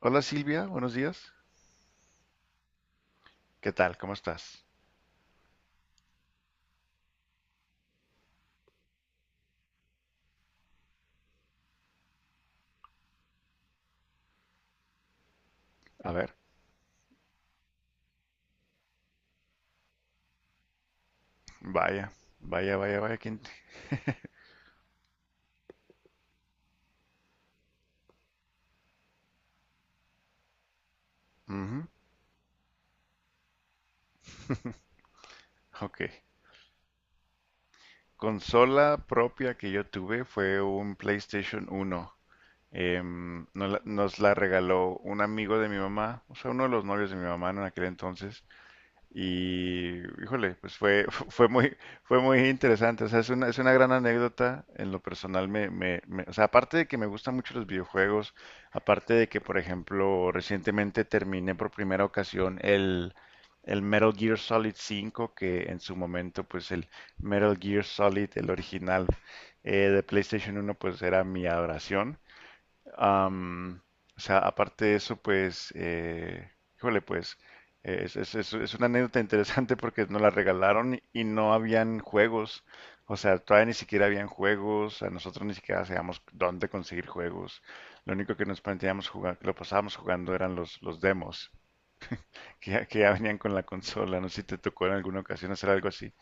Hola Silvia, buenos días. ¿Qué tal? ¿Cómo estás? A ver, vaya, vaya. Ujú. Ok. Consola propia que yo tuve fue un PlayStation uno. No la- Nos la regaló un amigo de mi mamá, o sea, uno de los novios de mi mamá en aquel entonces. Y, híjole, fue fue muy interesante. O sea, es una gran anécdota. En lo personal, o sea, aparte de que me gustan mucho los videojuegos, aparte de que, por ejemplo, recientemente terminé por primera ocasión el Metal Gear Solid 5, que en su momento, pues el Metal Gear Solid, el original de PlayStation uno pues era mi adoración. Am, o sea, aparte de eso, pues, híjole, pues, es una anécdota interesante porque nos la regalaron y no habían juegos. O sea, todavía ni siquiera habían juegos, a nosotros ni siquiera sabíamos dónde conseguir juegos. Lo único que nos planteábamos jugar, que lo pasábamos jugando eran los demos, que ya venían con la consola. No sé si te tocó en alguna ocasión hacer algo así.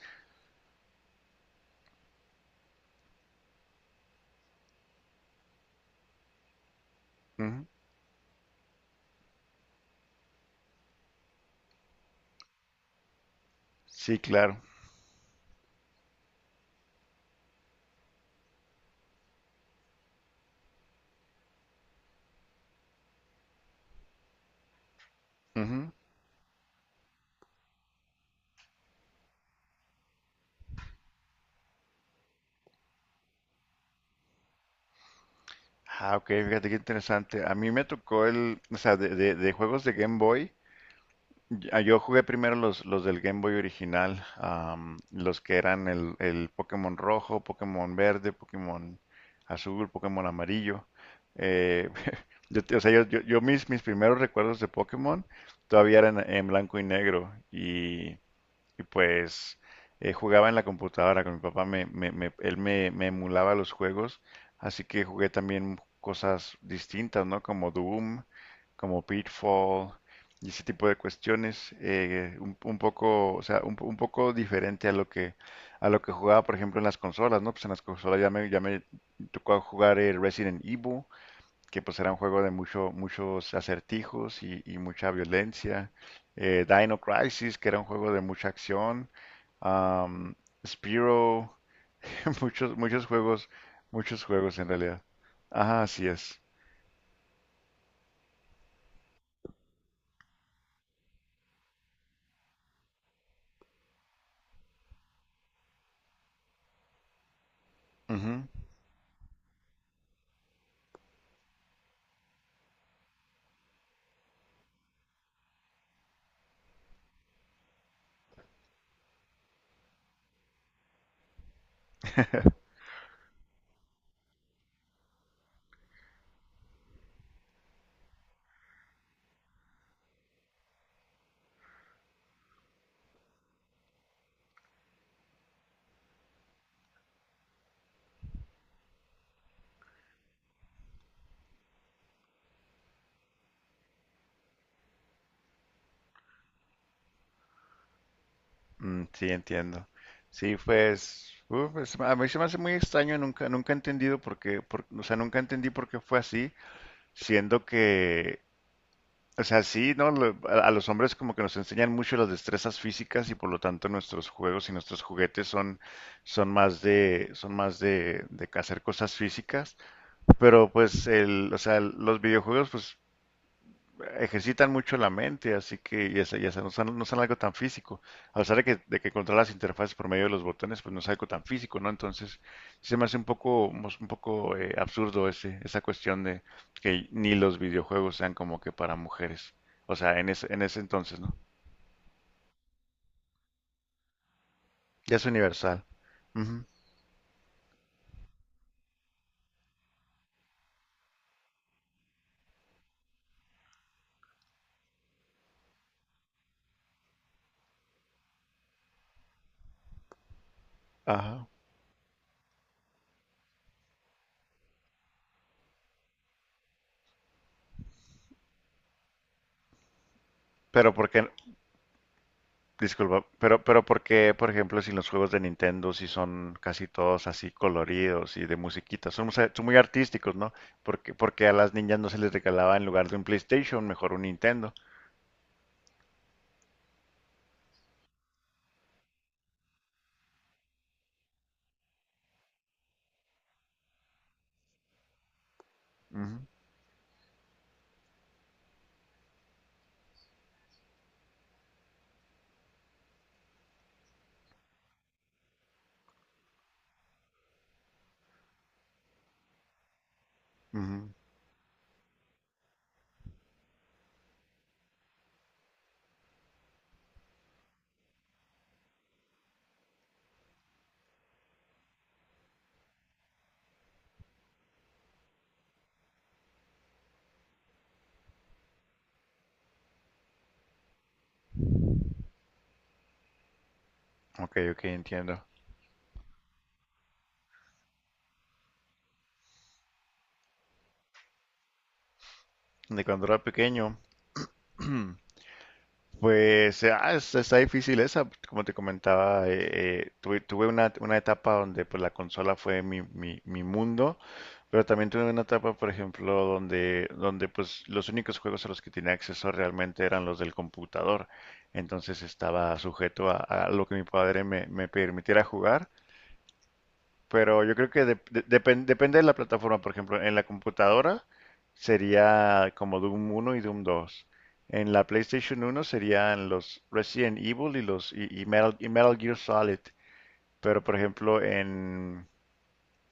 Ujú. Sí, claro. Ujú. Ah, ok, fíjate qué interesante. A mí me tocó de juegos de Game Boy. Ya, yo jugué primero los del Game Boy original, los que eran el Pokémon rojo, Pokémon verde, Pokémon azul, Pokémon amarillo. Eh, o sea, yo mis primeros recuerdos de Pokémon todavía eran en blanco y negro y pues jugaba en la computadora con mi papá, él me, me emulaba los juegos, así que jugué también cosas distintas, ¿no? Como Doom, como Pitfall y ese tipo de cuestiones, un poco, o sea, un poco diferente a lo que jugaba, por ejemplo, en las consolas, ¿no? Pues en las consolas ya me tocó jugar el Resident Evil, que pues era un juego de muchos acertijos y mucha violencia. Dino Crisis, que era un juego de mucha acción. Am, Spyro, muchos, muchos juegos en realidad. Ajá, así es. Ujú. Mm, sí, entiendo. Sí, pues, pues, a mí se me hace muy extraño, nunca he entendido por qué, o sea, nunca entendí por qué fue así, siendo que, o sea, sí, ¿no? A los hombres como que nos enseñan mucho las destrezas físicas y por lo tanto nuestros juegos y nuestros juguetes son, son más de hacer cosas físicas. Pero pues el, o sea, los videojuegos, pues ejercitan mucho la mente, así que ya, no son, no son algo tan físico. A pesar de de que controlas las interfaces por medio de los botones, pues no es algo tan físico, ¿no? Entonces, sí se me hace un poco, un poco absurdo ese, esa cuestión de que ni los videojuegos sean como que para mujeres. O sea, en en ese entonces, ¿no? Ya es universal. Ujú. Ajá. Pero porque, disculpa, pero porque por ejemplo, si los juegos de Nintendo si son casi todos así coloridos y de musiquita. Son, son muy artísticos, ¿no? Porque, porque a las niñas no se les regalaba en lugar de un PlayStation, mejor un Nintendo. Ujú, ujú. Ok, ok, entiendo. De cuando era pequeño. hmm, Pues está difícil esa, como te comentaba, tuve una etapa donde pues la consola fue mi mundo, pero también tuve una etapa, por ejemplo, donde pues los únicos juegos a los que tenía acceso realmente eran los del computador, entonces estaba sujeto a lo que mi padre me permitiera jugar, pero yo creo que depende de la plataforma. Por ejemplo, en la computadora sería como Doom uno y Doom dos. En la PlayStation uno serían los Resident Evil y y Metal Gear Solid. Pero por ejemplo,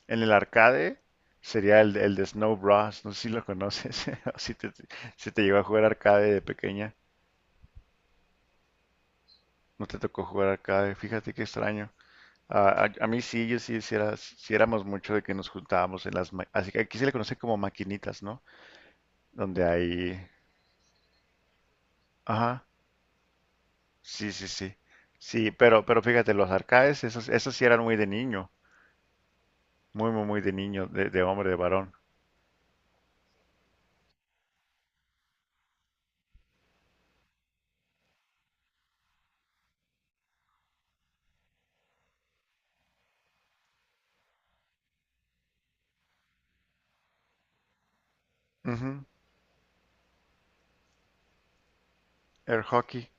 en el arcade sería el de Snow Bros. No sé si lo conoces o si te, si te llegó a jugar arcade de pequeña. No te tocó jugar arcade. Fíjate qué extraño. A, a mí sí, yo sí, sí, sí éramos mucho de que nos juntábamos en las... Así que aquí se le conoce como maquinitas, ¿no? Donde hay... Ajá, sí, sí, sí. Sí, pero fíjate, los arcades, esos, esos sí eran muy de niño. Muy, muy, muy de niño, de hombre, de varón. Ujú. Air hockey.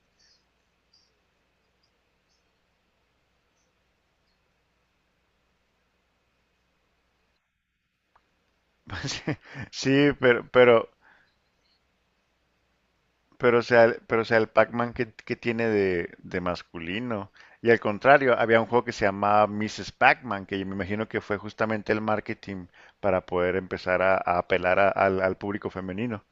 Sí, pero o sea, pero o sea, el Pac-Man tiene de masculino. Y al contrario, había un juego que se llamaba Mrs. Pac-Man, que yo me imagino que fue justamente el marketing para poder empezar a apelar al público femenino.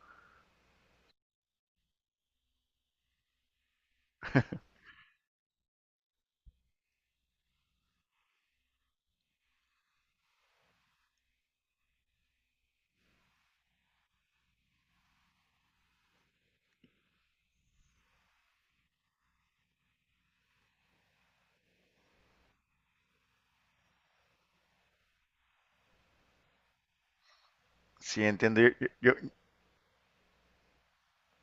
Sí, entiendo.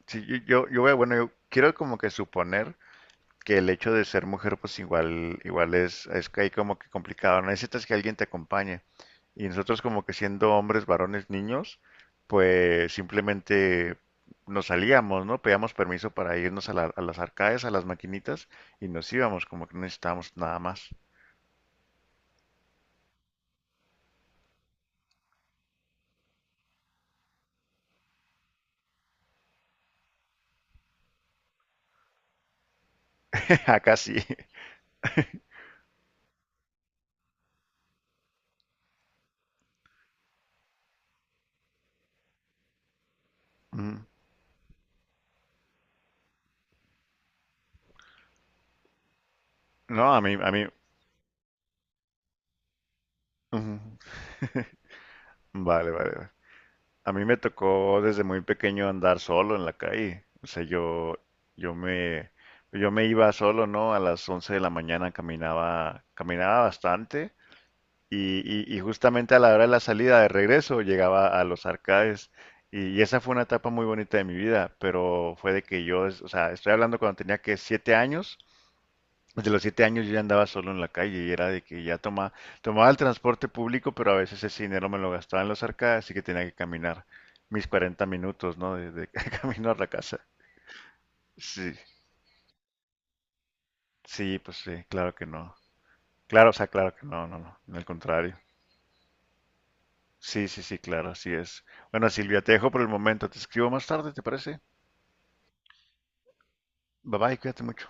Sí, yo voy bueno, yo quiero como que suponer que el hecho de ser mujer, pues igual, igual es que ahí como que complicado. ¿No? Necesitas que alguien te acompañe. Y nosotros como que siendo hombres, varones, niños, pues simplemente nos salíamos, ¿no? Pedíamos permiso para irnos a las arcades, a las maquinitas y nos íbamos, como que no necesitábamos nada más. Acá sí. Ujú. No, a mí, a mí. Ujú. Vale, vale, vale. A mí me tocó desde muy pequeño andar solo en la calle. O sea, yo, yo me, yo me iba solo, ¿no? A las 11 de la mañana caminaba, caminaba bastante y, y justamente a la hora de la salida de regreso llegaba a los arcades y esa fue una etapa muy bonita de mi vida, pero fue de que yo, o sea, estoy hablando cuando tenía que 7 años, desde los siete años yo ya andaba solo en la calle y era de que ya toma, tomaba el transporte público, pero a veces ese dinero me lo gastaba en las arcadas, así que tenía que caminar mis 40 minutos, ¿no? De camino a la casa. Sí, sí, pues sí, claro que no. Claro, o sea, claro que no, no, no, al contrario. Sí, sí, sí, claro, así es. Bueno, Silvia, te dejo por el momento, te escribo más tarde, ¿te parece? Bye bye, cuídate mucho.